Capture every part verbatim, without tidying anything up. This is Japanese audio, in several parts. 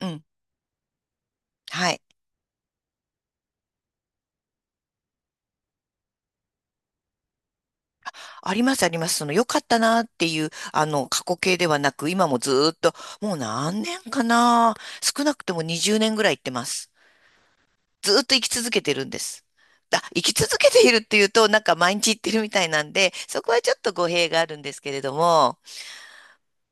うん。はい。ありますあります。その良かったなっていう、あの、過去形ではなく、今もずーっと、もう何年かな。少なくともにじゅうねんぐらい行ってます。ずーっと生き続けてるんです。あ、生き続けているっていうと、なんか毎日行ってるみたいなんで、そこはちょっと語弊があるんですけれども、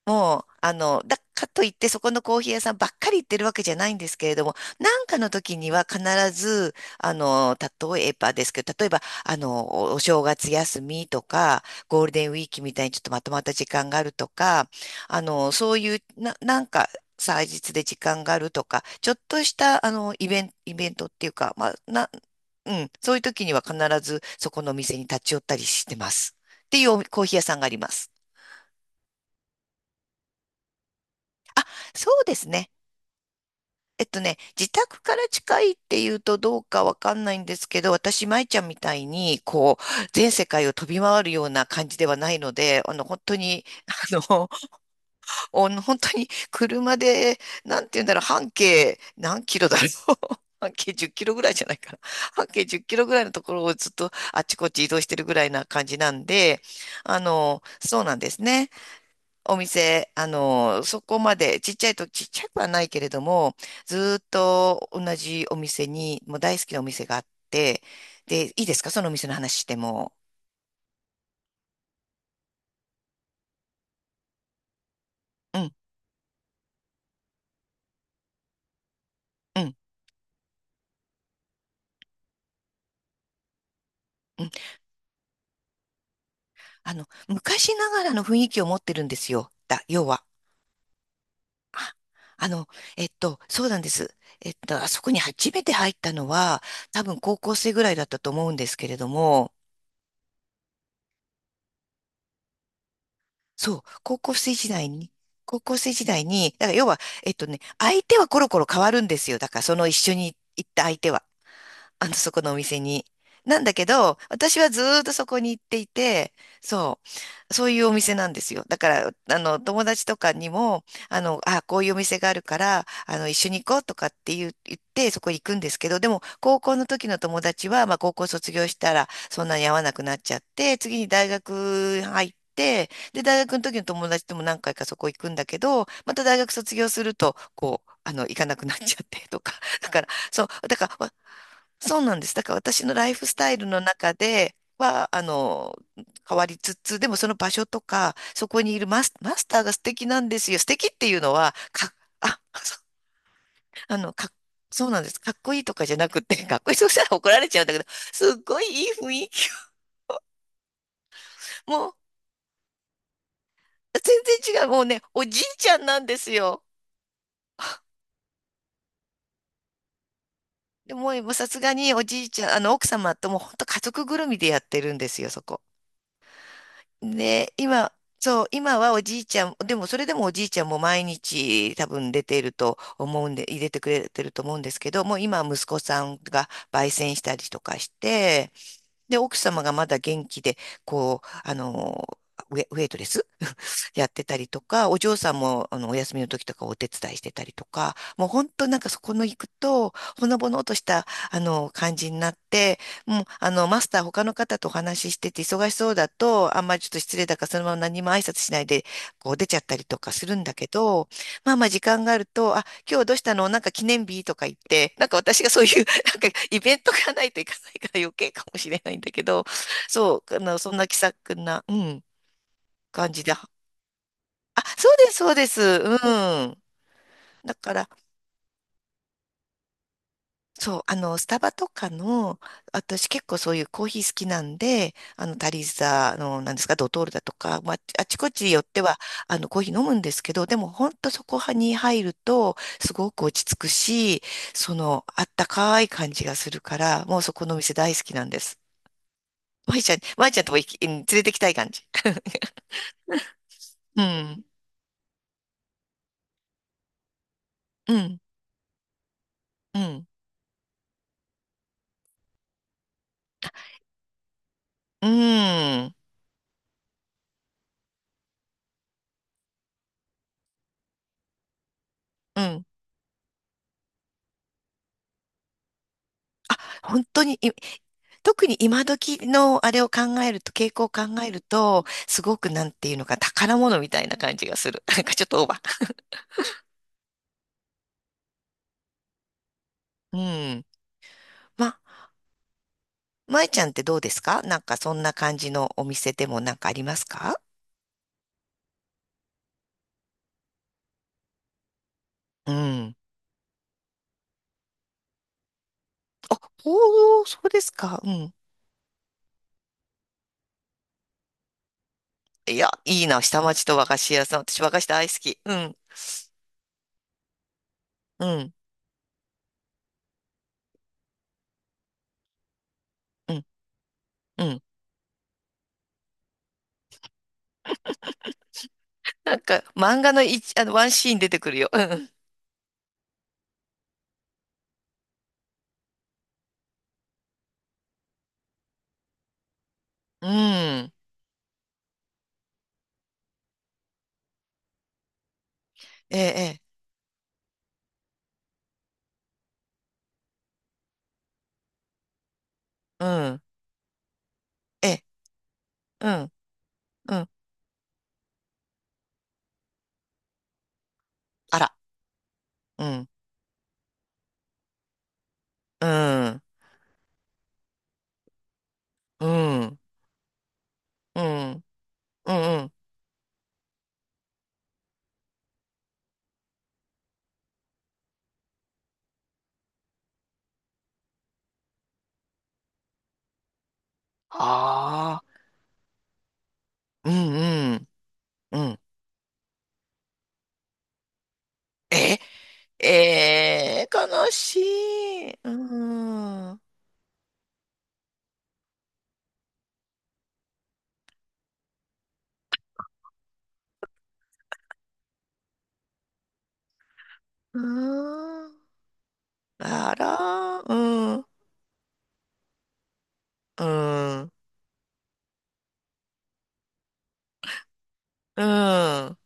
もう、あの、だかといってそこのコーヒー屋さんばっかり行ってるわけじゃないんですけれども、なんかの時には必ず、あの、例えばですけど、例えば、あの、おお正月休みとか、ゴールデンウィークみたいにちょっとまとまった時間があるとか、あの、そういう、な、なんか、祭日で時間があるとか、ちょっとした、あの、イベン、イベントっていうか、まあ、な、うん、そういう時には必ずそこのお店に立ち寄ったりしてます。っていうおコーヒー屋さんがあります。あ、そうですね。えっとね、自宅から近いっていうとどうかわかんないんですけど、私、舞ちゃんみたいに、こう、全世界を飛び回るような感じではないので、あの、本当に、あの、お本当に車で、なんて言うんだろう、半径何キロだろう。半径じっキロぐらいじゃないかな。半径いちキロぐらいのところをずっとあっちこっち移動してるぐらいな感じなんで、あの、そうなんですね。お店、あの、そこまで、ちっちゃいと、ちっちゃくはないけれども、ずーっと同じお店に、もう大好きなお店があって、で、いいですかそのお店の話しても。うん、うん、うん。あの、昔ながらの雰囲気を持ってるんですよ。だ、要は。あ、あの、えっと、そうなんです。えっと、あそこに初めて入ったのは、多分高校生ぐらいだったと思うんですけれども、そう、高校生時代に、高校生時代に、だから要は、えっとね、相手はコロコロ変わるんですよ。だからその一緒に行った相手は。あの、そこのお店に。なんだけど、私はずーっとそこに行っていて、そう、そういうお店なんですよ。だから、あの、友達とかにも、あの、あ、こういうお店があるから、あの、一緒に行こうとかって言う、言って、そこ行くんですけど、でも、高校の時の友達は、まあ、高校卒業したら、そんなに会わなくなっちゃって、次に大学入って、で、大学の時の友達とも何回かそこ行くんだけど、また大学卒業すると、こう、あの、行かなくなっちゃってとか、だから、そう、だから、わそうなんです。だから私のライフスタイルの中では、あの、変わりつつ、でもその場所とか、そこにいるマス、マスターが素敵なんですよ。素敵っていうのは、か、あ、そうあの、か、そうなんです。かっこいいとかじゃなくて、かっこいい、そうしたら怒られちゃうんだけど、すっごいいい雰囲気。もう、全然違う。もうね、おじいちゃんなんですよ。でもう、もうさすがにおじいちゃん、あの、奥様とも本当家族ぐるみでやってるんですよ、そこ。で、今、そう、今はおじいちゃん、でもそれでもおじいちゃんも毎日多分出ていると思うんで、入れてくれてると思うんですけど、もう今は息子さんが焙煎したりとかして、で、奥様がまだ元気で、こう、あの、ウェ、ウェイトレスやってたりとか、お嬢さんもあのお休みの時とかお手伝いしてたりとか、もう本当なんかそこの行くと、ほのぼのとしたあの感じになって、もうあのマスター他の方とお話ししてて忙しそうだと、あんまりちょっと失礼だからそのまま何も挨拶しないでこう出ちゃったりとかするんだけど、まあまあ時間があると、あ、今日どうしたのなんか記念日とか言って、なんか私がそういう なんかイベントがないといかないから余計かもしれないんだけど、そう、あのそんな気さくな、うん、感じであ、そうです、そうです。うん。だから、そう、あの、スタバとかの、私結構そういうコーヒー好きなんで、あの、タリーザ、あの、なんですか、ドトールだとか、まあ、あちこち寄っては、あの、コーヒー飲むんですけど、でも、ほんとそこに入ると、すごく落ち着くし、その、あったかい感じがするから、もうそこのお店大好きなんです。まいちゃん、まいちゃんとも行き、うん連れてきたい感じ。うん、うん、うん、うん、うん。本当にい、特に今時のあれを考えると、傾向を考えると、すごくなんていうのか、宝物みたいな感じがする。なんかちょっとオーバー。うん。ま、まえちゃんってどうですかなんかそんな感じのお店でもなんかありますかうん。あ、おー、そうですか。うん。いや、いいな、下町と和菓子屋さん。私和菓子大好き。うん。うん。うん。うん。なんか漫画の一、あの、ワンシーン出てくるよ。うん。うん。ええ、ええ、うん。ええ、うん。うん。あら。うん、うん、うん、うん、うん、うん、ああ、うん、うん。うんえ、えー、悲しい。うん、うん、あら、うん、うん、うん。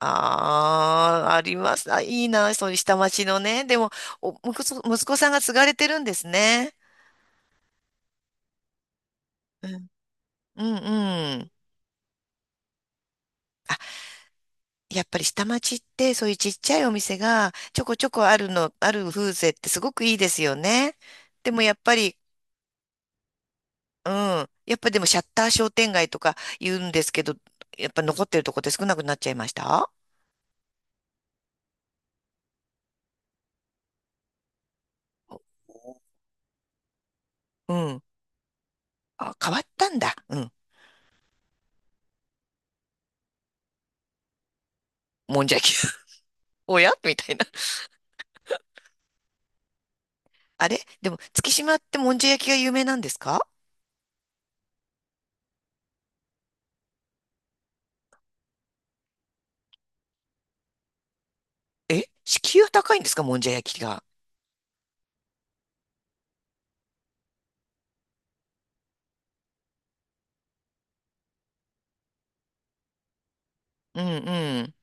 ああ、あります。あ、いいな、そういう下町のね。でも、お、息子息子さんが継がれてるんですね。うん、うん、うん。やっぱり下町ってそういうちっちゃいお店がちょこちょこあるの、ある風情ってすごくいいですよね。でもやっぱり、うん。やっぱでもシャッター商店街とか言うんですけど、やっぱ残ってるとこって少なくなっちゃいましたうん。あ、変わったんだ。うん。もんじゃ焼き。おやみたいな。あれでも月島ってもんじゃ焼きが有名なんですかえ敷居は高いんですかもんじゃ焼きが。うんうん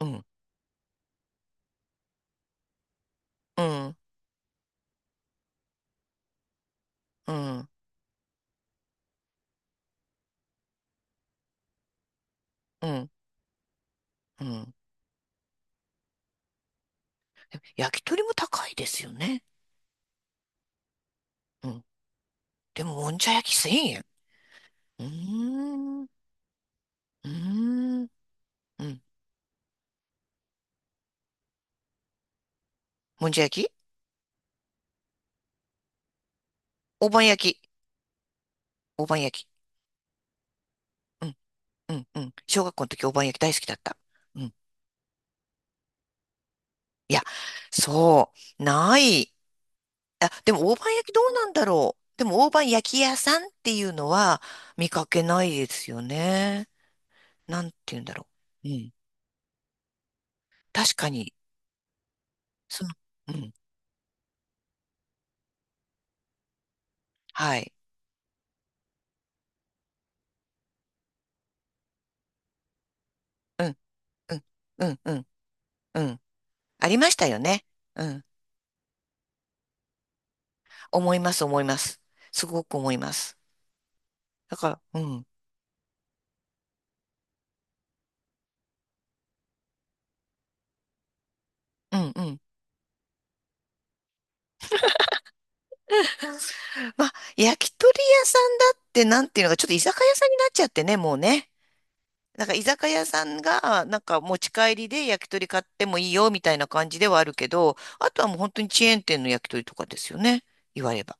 うんうんうんうんうん。でも焼き鳥も高いですよね。うんでも、もんじゃ焼きせんえん。うーん、うーん、うん。もんじゃ焼き大判焼き。大判焼き。うん、うん、うん。小学校の時大判焼き大好きだった。うん。いや、そう、ない。あ、でも大判焼きどうなんだろう。でも大判焼き屋さんっていうのは見かけないですよね。なんて言うんだろう。うん。確かに、その、うん。はい。うん、うん、うん、うん、うん。ありましたよね。うん。思います、思います。すごく思います。だから、うん、うん、うん。まあ、焼き鳥屋さんだってなんていうのか、ちょっと居酒屋さんになっちゃってね、もうね。なんか居酒屋さんが、なんか持ち帰りで焼き鳥買ってもいいよ、みたいな感じではあるけど、あとはもう本当にチェーン店の焼き鳥とかですよね、言われば。